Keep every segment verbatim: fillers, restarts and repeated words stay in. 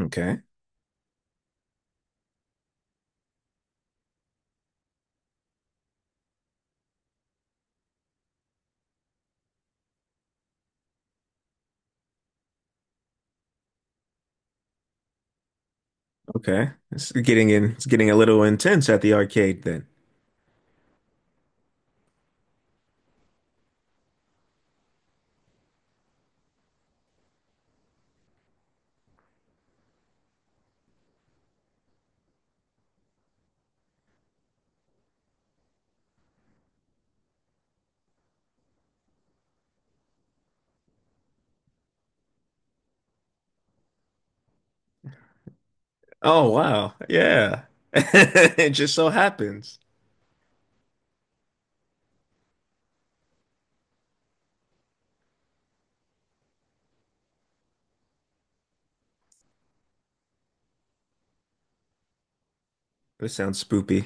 Okay. Okay. It's getting in, it's getting a little intense at the arcade then. Oh, wow. Yeah. It just so happens. This sounds spoopy.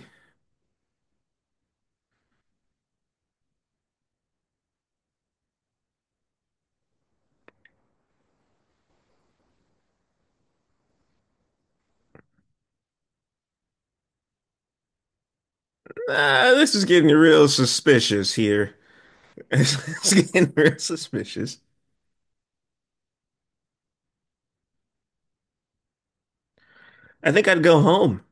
Nah, this is getting real suspicious here. It's getting real suspicious. I think I'd go home.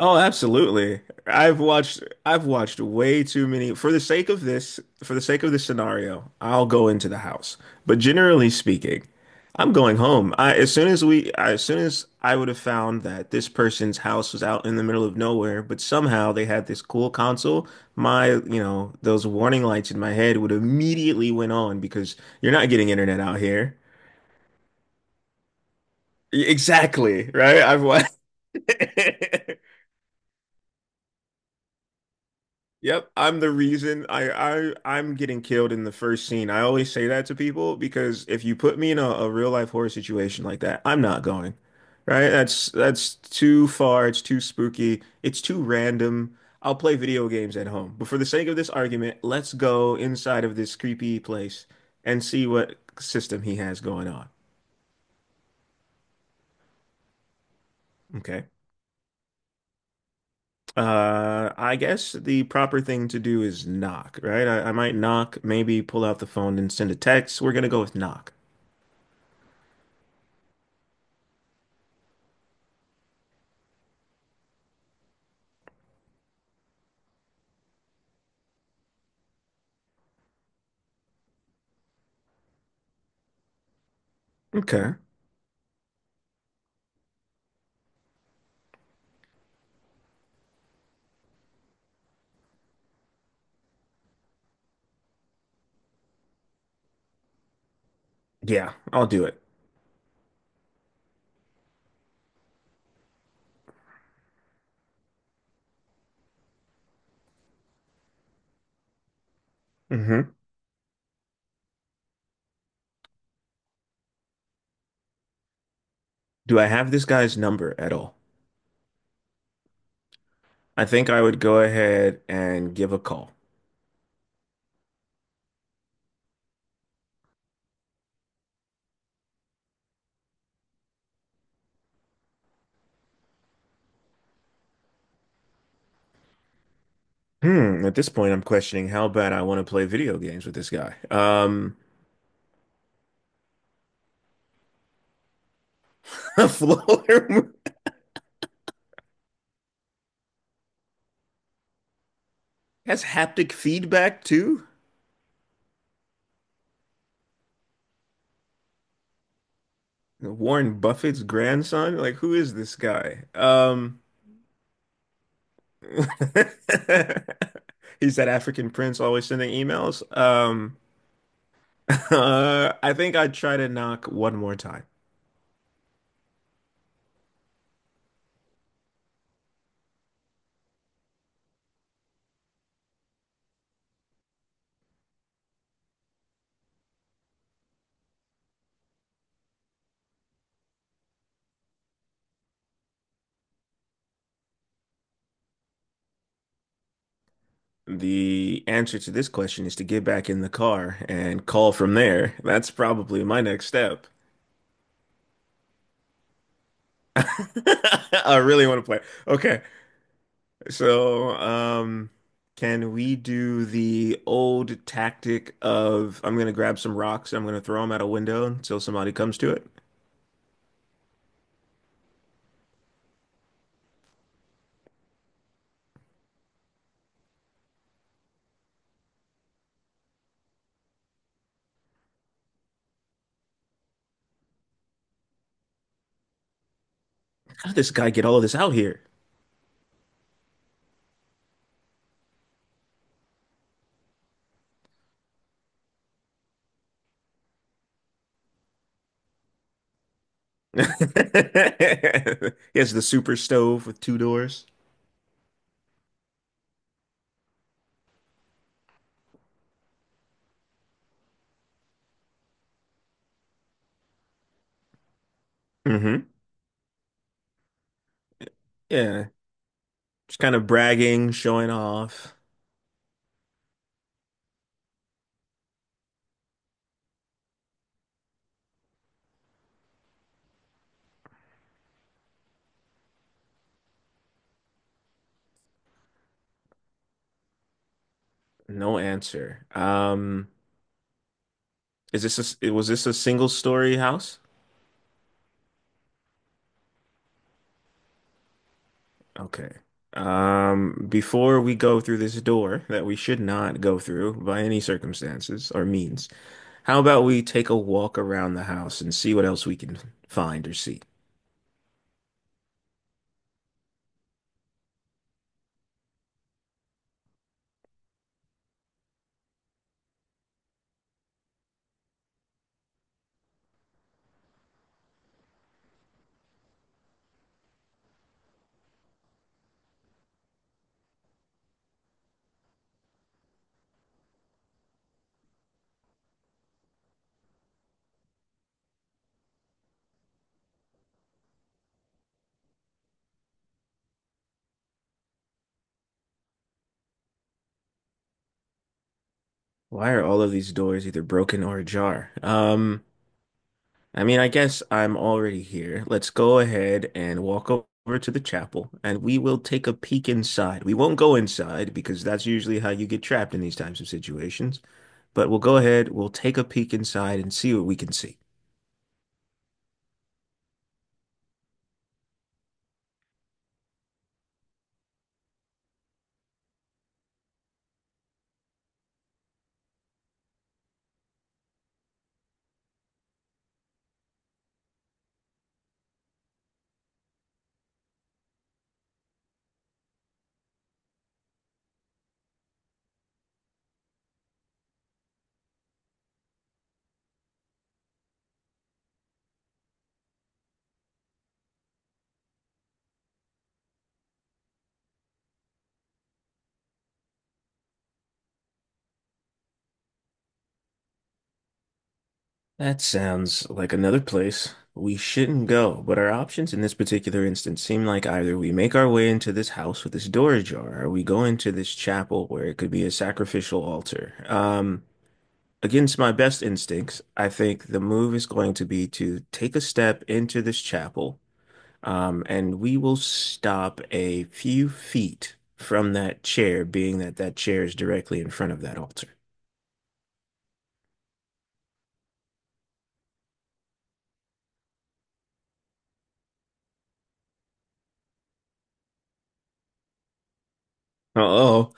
Oh, absolutely. I've watched I've watched way too many for the sake of this, for the sake of this scenario, I'll go into the house. But generally speaking, I'm going home. I as soon as we as soon as I would have found that this person's house was out in the middle of nowhere, but somehow they had this cool console, my, you know, those warning lights in my head would immediately went on because you're not getting internet out here. E, Exactly, right? I've watched. Yep, I'm the reason I, I I'm getting killed in the first scene. I always say that to people because if you put me in a, a real life horror situation like that, I'm not going. Right? That's that's too far, it's too spooky, it's too random. I'll play video games at home. But for the sake of this argument, let's go inside of this creepy place and see what system he has going on. Okay. Uh, I guess the proper thing to do is knock, right? I, I might knock, maybe pull out the phone and send a text. We're gonna go with knock. Okay. Yeah, I'll do it. Hmm. Do I have this guy's number at all? I think I would go ahead and give a call. Hmm, at this point, I'm questioning how bad I want to play video games with this guy. Um, a floor has haptic feedback too? Warren Buffett's grandson? Like, who is this guy? Um, he's that African prince always sending emails. Um, uh, I think I'd try to knock one more time. The answer to this question is to get back in the car and call from there. That's probably my next step. I really want to play. Okay, so um, can we do the old tactic of I'm gonna grab some rocks, I'm gonna throw them out a window until somebody comes to it? How did this guy get all of this out here? He has the super stove with two doors. Hmm. Yeah, just kind of bragging, showing off. No answer. Um. Is this a, s- was this a single story house? Okay. Um, before we go through this door that we should not go through by any circumstances or means, how about we take a walk around the house and see what else we can find or see? Why are all of these doors either broken or ajar? Um, I mean, I guess I'm already here. Let's go ahead and walk o- over to the chapel and we will take a peek inside. We won't go inside because that's usually how you get trapped in these types of situations. But we'll go ahead, we'll take a peek inside and see what we can see. That sounds like another place we shouldn't go, but our options in this particular instance seem like either we make our way into this house with this door ajar, or we go into this chapel where it could be a sacrificial altar. Um, Against my best instincts, I think the move is going to be to take a step into this chapel, um, and we will stop a few feet from that chair, being that that chair is directly in front of that altar. Uh-oh.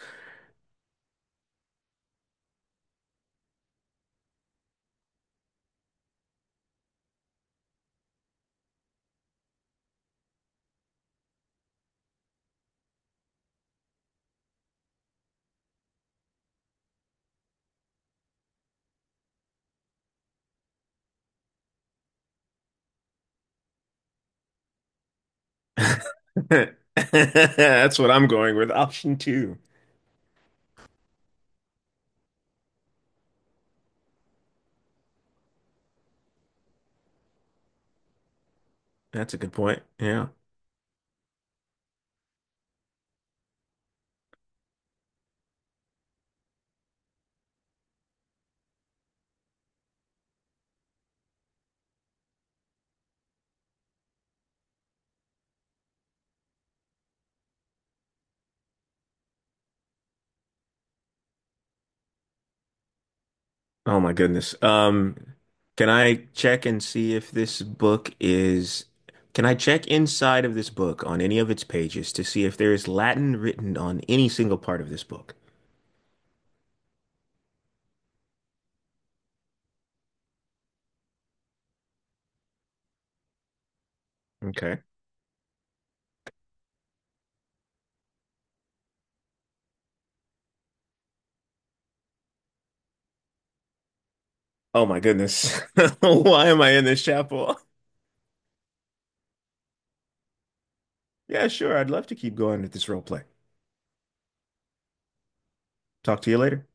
That's what I'm going with, option two. That's a good point. Yeah. Oh my goodness. Um, can I check and see if this book is, can I check inside of this book on any of its pages to see if there is Latin written on any single part of this book? Okay. Oh my goodness. Why am I in this chapel? Yeah, sure. I'd love to keep going with this role play. Talk to you later.